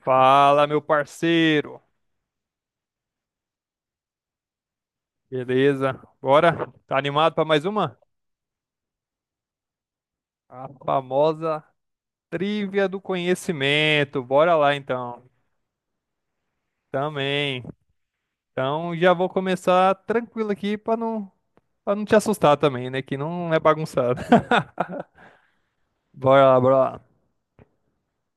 Fala, meu parceiro. Beleza? Bora? Tá animado pra mais uma? A famosa trivia do conhecimento. Bora lá então. Também. Então já vou começar tranquilo aqui pra não para não te assustar também, né, que não é bagunçado. Bora lá, bora lá.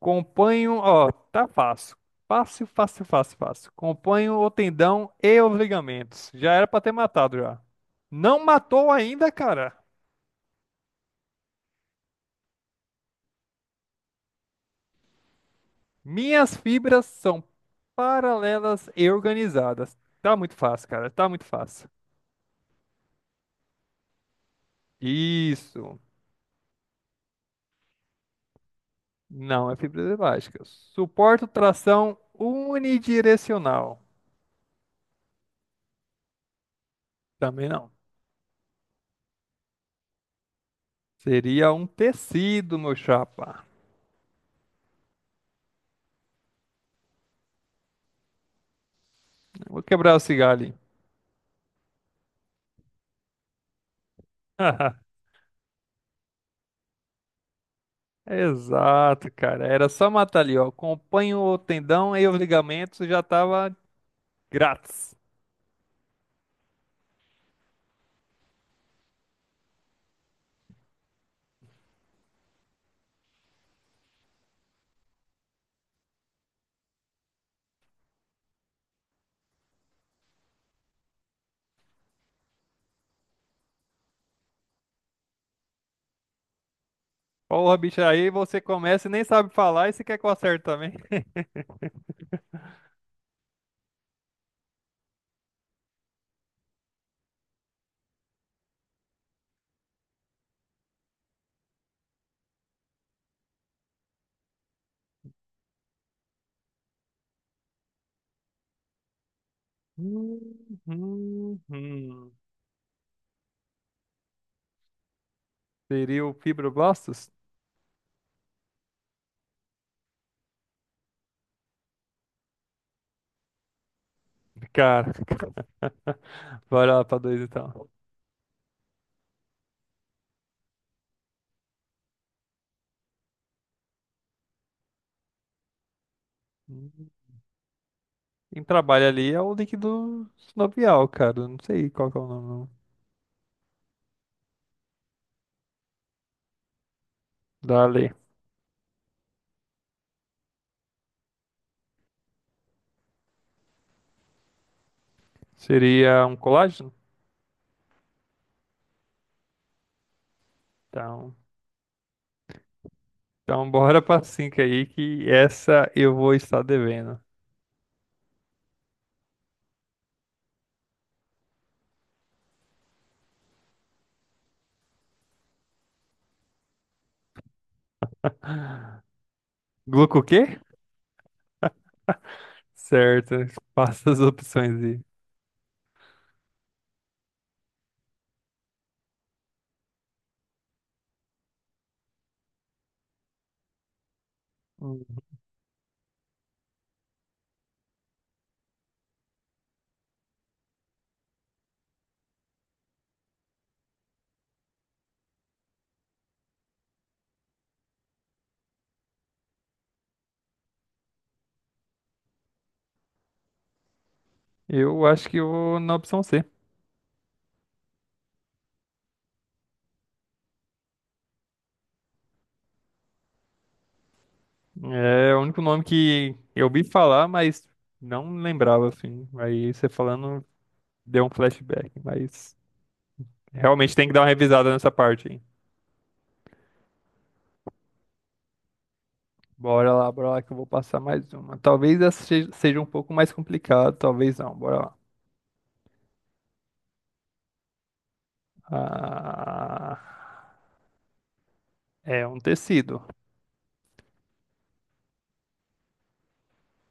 Companho, ó, tá fácil. Fácil, fácil, fácil, fácil. Companho o tendão e os ligamentos. Já era pra ter matado já. Não matou ainda, cara. Minhas fibras são paralelas e organizadas. Tá muito fácil, cara. Tá muito fácil. Isso. Não é fibras elásticas. Suporto tração unidirecional. Também não. Seria um tecido, meu chapa. Vou quebrar o cigarro ali. Exato, cara. Era só matar ali, ó. Acompanho o tendão e os ligamentos já tava grátis. Porra, bicho, aí você começa e nem sabe falar e você quer que eu acerte também. Hum, hum. Seria o fibroblastos? Cara, vai lá pra dois então. Hum. Quem trabalha ali é o líquido sinovial, cara. Eu não sei qual que é o nome da lei. Seria um colágeno? Então, então bora pra cinco aí, que essa eu vou estar devendo. Gluco o quê? Certo, passa as opções aí. Hum. Eu acho que eu vou na opção C. É o único nome que eu ouvi falar, mas não lembrava, assim. Aí você falando, deu um flashback, mas realmente tem que dar uma revisada nessa parte, hein? Bora lá que eu vou passar mais uma. Talvez essa seja um pouco mais complicado, talvez não. Bora lá. Ah, é um tecido.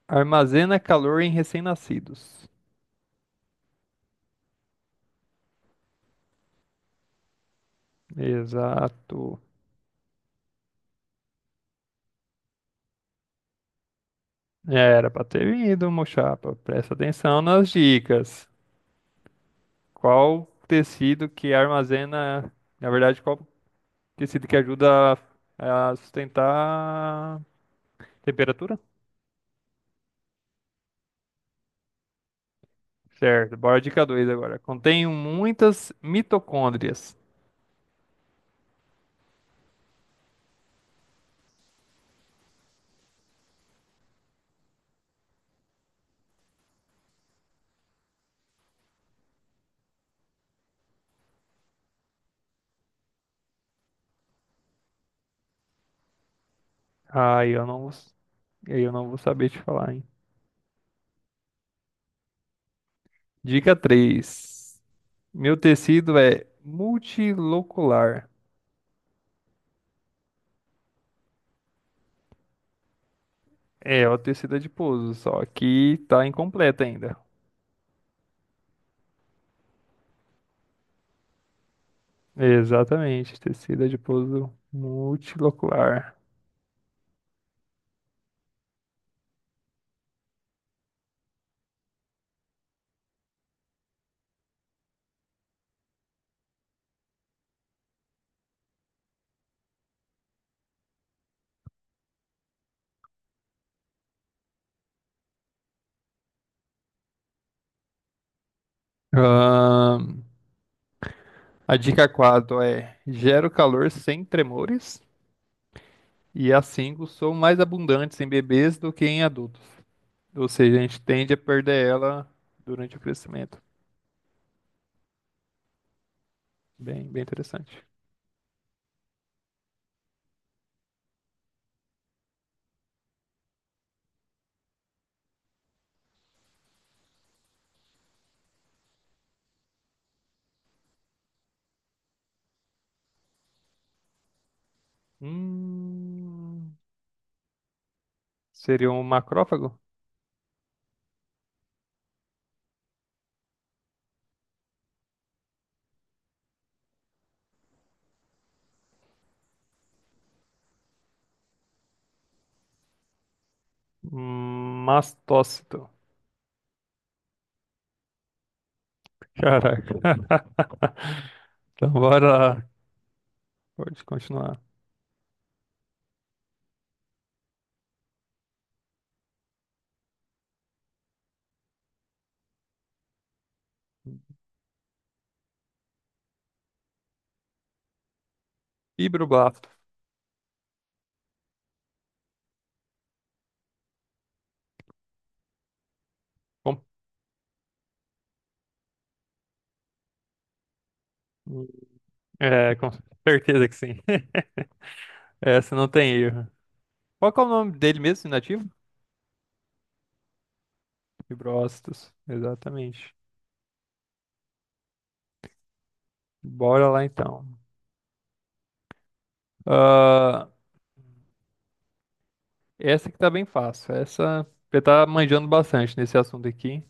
Armazena calor em recém-nascidos. Exato. Era pra ter vindo, mochapa. Presta atenção nas dicas. Qual tecido que armazena, na verdade, qual tecido que ajuda a sustentar a temperatura? Certo, bora dica 2 agora. Contém muitas mitocôndrias. Aí eu não vou, aí eu não vou saber te falar, hein? Dica 3. Meu tecido é multilocular. É, o tecido adiposo, só que tá incompleto ainda. Exatamente, tecido adiposo multilocular. A dica 4 é: gero calor sem tremores. E as 5 são mais abundantes em bebês do que em adultos. Ou seja, a gente tende a perder ela durante o crescimento. Bem, bem interessante. Hum, seria um macrófago? Mastócito. Caraca. Então, bora lá. Pode continuar. Fibroblasto. Com- É, com certeza que sim. Essa não tem erro. Qual que é o nome dele mesmo, inativo? Fibrócitos, exatamente. Bora lá então. Ah, essa que tá bem fácil. Essa você tá manjando bastante nesse assunto aqui.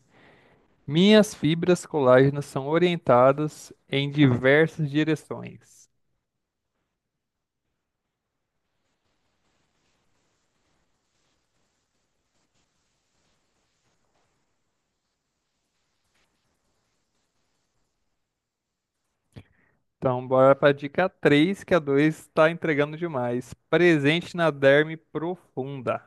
Minhas fibras colágenas são orientadas em diversas direções. Então, bora para dica três, que a 2 está entregando demais. Presente na derme profunda.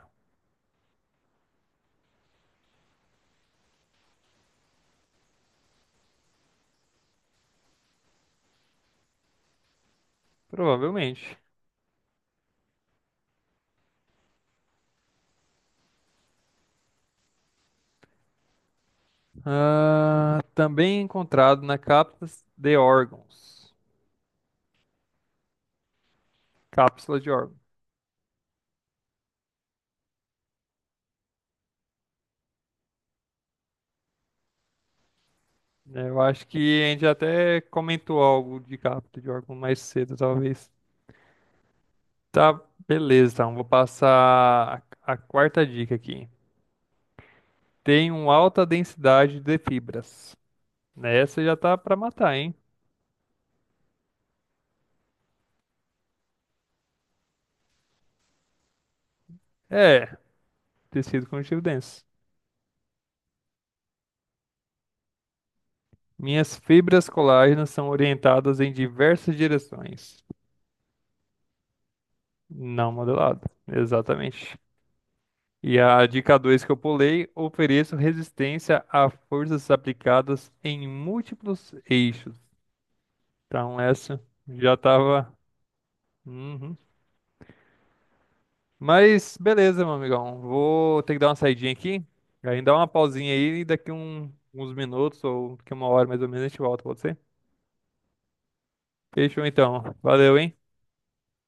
Provavelmente. Ah, também encontrado na cápsula de órgãos. Cápsula de órgãos. É, eu acho que a gente até comentou algo de capta de órgão mais cedo, talvez. Tá, beleza, então vou passar a quarta dica aqui. Tem uma alta densidade de fibras. Essa já tá pra matar, hein? É, tecido conjuntivo denso. Minhas fibras colágenas são orientadas em diversas direções, não modelado. Exatamente. E a dica 2 que eu pulei, ofereço resistência a forças aplicadas em múltiplos eixos. Então, essa já tava. Uhum. Mas beleza, meu amigão. Vou ter que dar uma saidinha aqui. Aí dá uma pausinha aí e daqui um, uns minutos ou daqui uma hora mais ou menos a gente volta, pode ser? Fechou então. Valeu, hein?